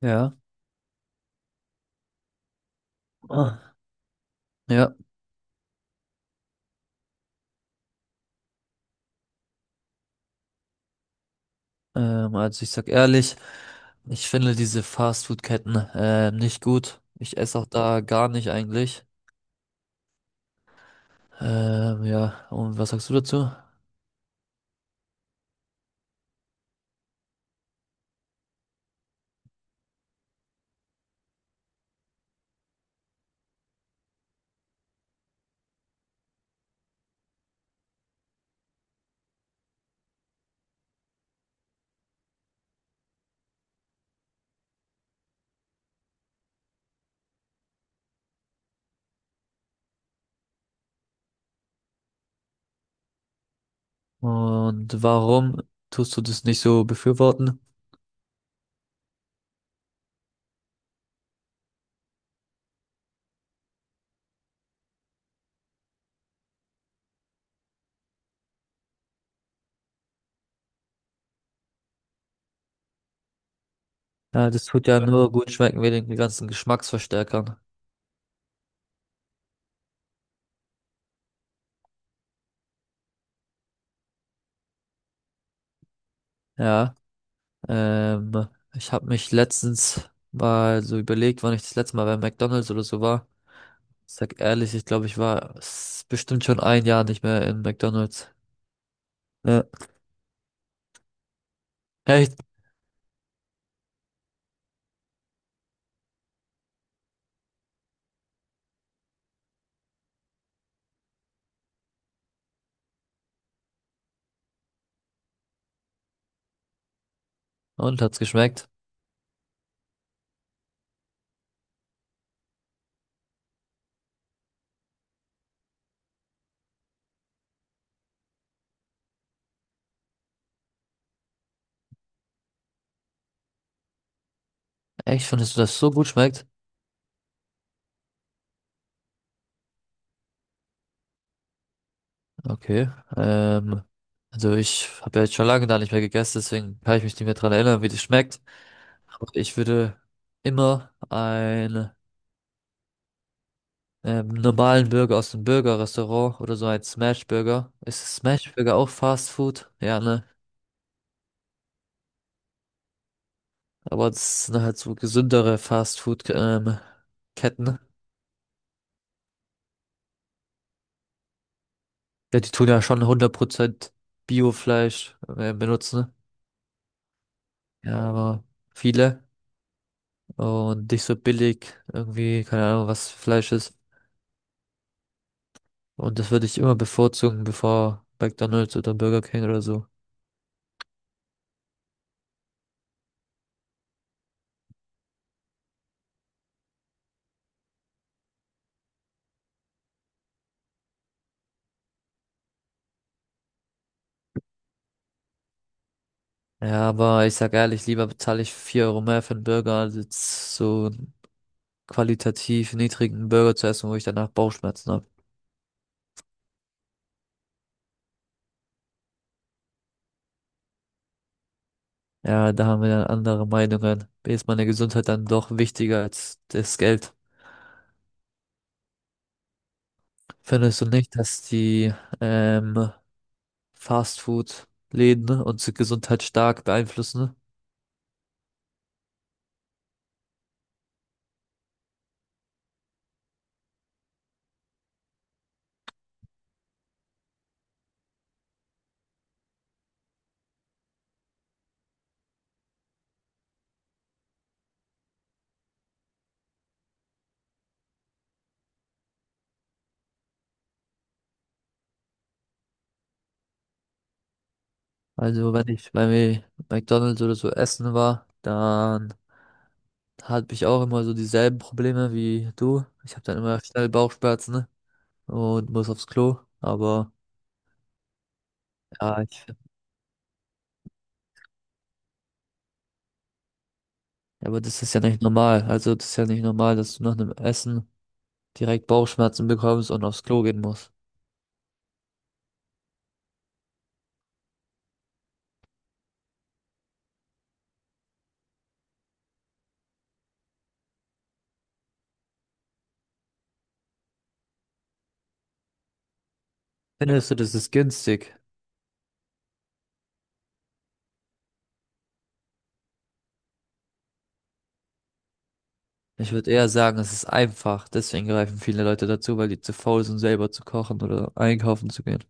Ja, Ah, ja, also ich sag ehrlich, ich finde diese Fastfood-Ketten nicht gut. Ich esse auch da gar nicht eigentlich. Ja, und was sagst du dazu? Und warum tust du das nicht so befürworten? Ja, das tut ja nur gut schmecken wegen den ganzen Geschmacksverstärkern. Ja, ähm, ich habe mich letztens mal so überlegt, wann ich das letzte Mal bei McDonald's oder so war. Ich sag ehrlich, ich glaube, bestimmt schon ein Jahr nicht mehr in McDonald's. Ja. Echt? Und hat's geschmeckt? Echt? Findest du, dass es so gut schmeckt? Okay. Ähm, also ich habe ja jetzt schon lange da nicht mehr gegessen, deswegen kann ich mich nicht mehr dran erinnern, wie das schmeckt. Aber ich würde immer einen normalen Burger aus dem Burger-Restaurant oder so ein Smash-Burger. Ist Smash-Burger auch Fast Food? Ja, ne? Aber das sind halt so gesündere Fast Food-Ketten. Ja, die tun ja schon 100% Biofleisch benutzen. Ja, aber viele, und nicht so billig irgendwie, keine Ahnung, was Fleisch ist. Und das würde ich immer bevorzugen, bevor McDonald's oder Burger King oder so. Ja, aber ich sag ehrlich, lieber bezahle ich 4 Euro mehr für einen Burger, als jetzt so einen qualitativ niedrigen Burger zu essen, wo ich danach Bauchschmerzen habe. Ja, da haben wir dann andere Meinungen. Mir ist meine Gesundheit dann doch wichtiger als das Geld. Findest du nicht, dass die ähm, Fastfood-Läden unsere Gesundheit stark beeinflussen? Also wenn ich bei McDonald's oder so essen war, dann hatte ich auch immer so dieselben Probleme wie du. Ich habe dann immer schnell Bauchschmerzen, ne, und muss aufs Klo. Aber ja, aber das ist ja nicht normal. Also das ist ja nicht normal, dass du nach einem Essen direkt Bauchschmerzen bekommst und aufs Klo gehen musst. Findest du, das ist günstig? Ich würde eher sagen, es ist einfach. Deswegen greifen viele Leute dazu, weil die zu faul sind, selber zu kochen oder einkaufen zu gehen.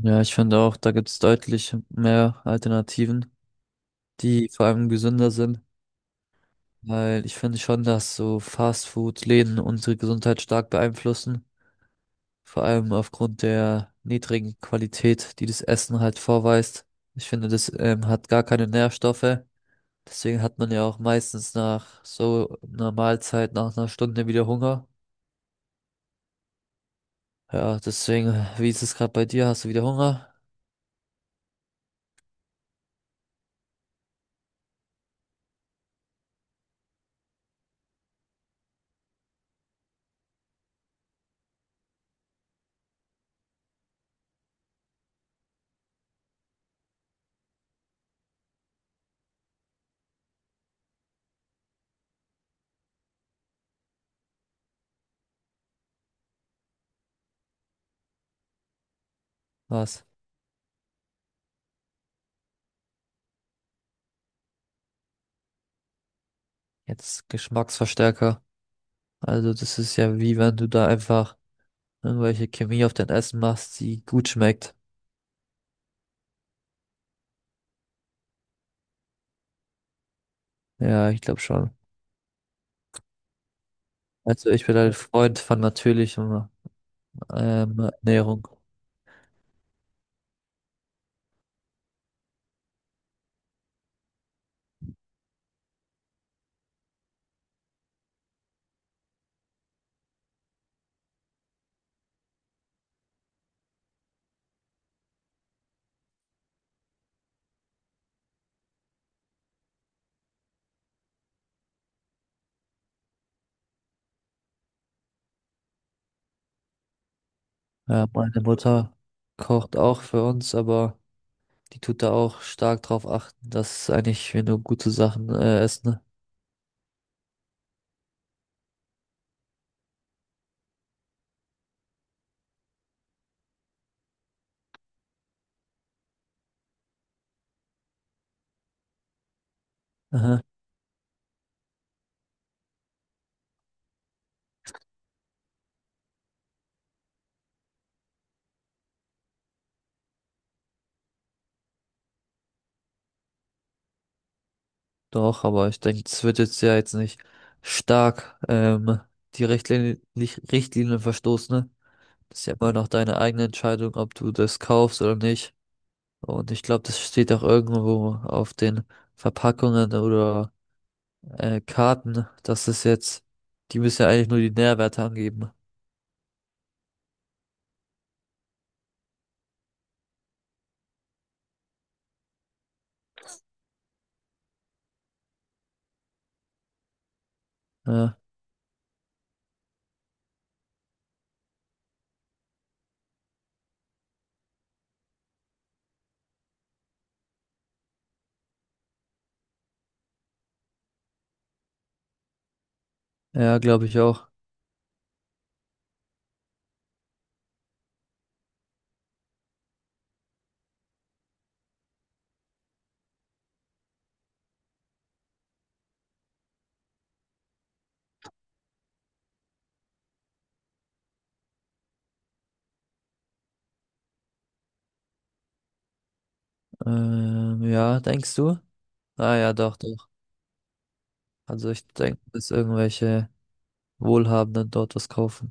Ja, ich finde auch, da gibt es deutlich mehr Alternativen, die vor allem gesünder sind, weil ich finde schon, dass so Fastfood-Läden unsere Gesundheit stark beeinflussen, vor allem aufgrund der niedrigen Qualität, die das Essen halt vorweist. Ich finde, das hat gar keine Nährstoffe, deswegen hat man ja auch meistens nach so einer Mahlzeit, nach einer Stunde wieder Hunger. Ja, deswegen, wie ist es gerade bei dir? Hast du wieder Hunger? Was? Jetzt Geschmacksverstärker. Also das ist ja, wie wenn du da einfach irgendwelche Chemie auf dein Essen machst, die gut schmeckt. Ja, ich glaube schon. Also ich bin ein Freund von natürlicher Ernährung. Ja, meine Mutter kocht auch für uns, aber die tut da auch stark drauf achten, dass eigentlich wir nur gute Sachen essen. Aha. Doch, aber ich denke, es wird jetzt ja jetzt nicht stark die Richtlinien verstoßen. Ne? Das ist ja immer noch deine eigene Entscheidung, ob du das kaufst oder nicht. Und ich glaube, das steht auch irgendwo auf den Verpackungen oder Karten, dass das jetzt, die müssen ja eigentlich nur die Nährwerte angeben. Ja, ja, glaube ich auch. Ja, denkst du? Ah ja, doch, doch. Also ich denke, dass irgendwelche Wohlhabenden dort was kaufen.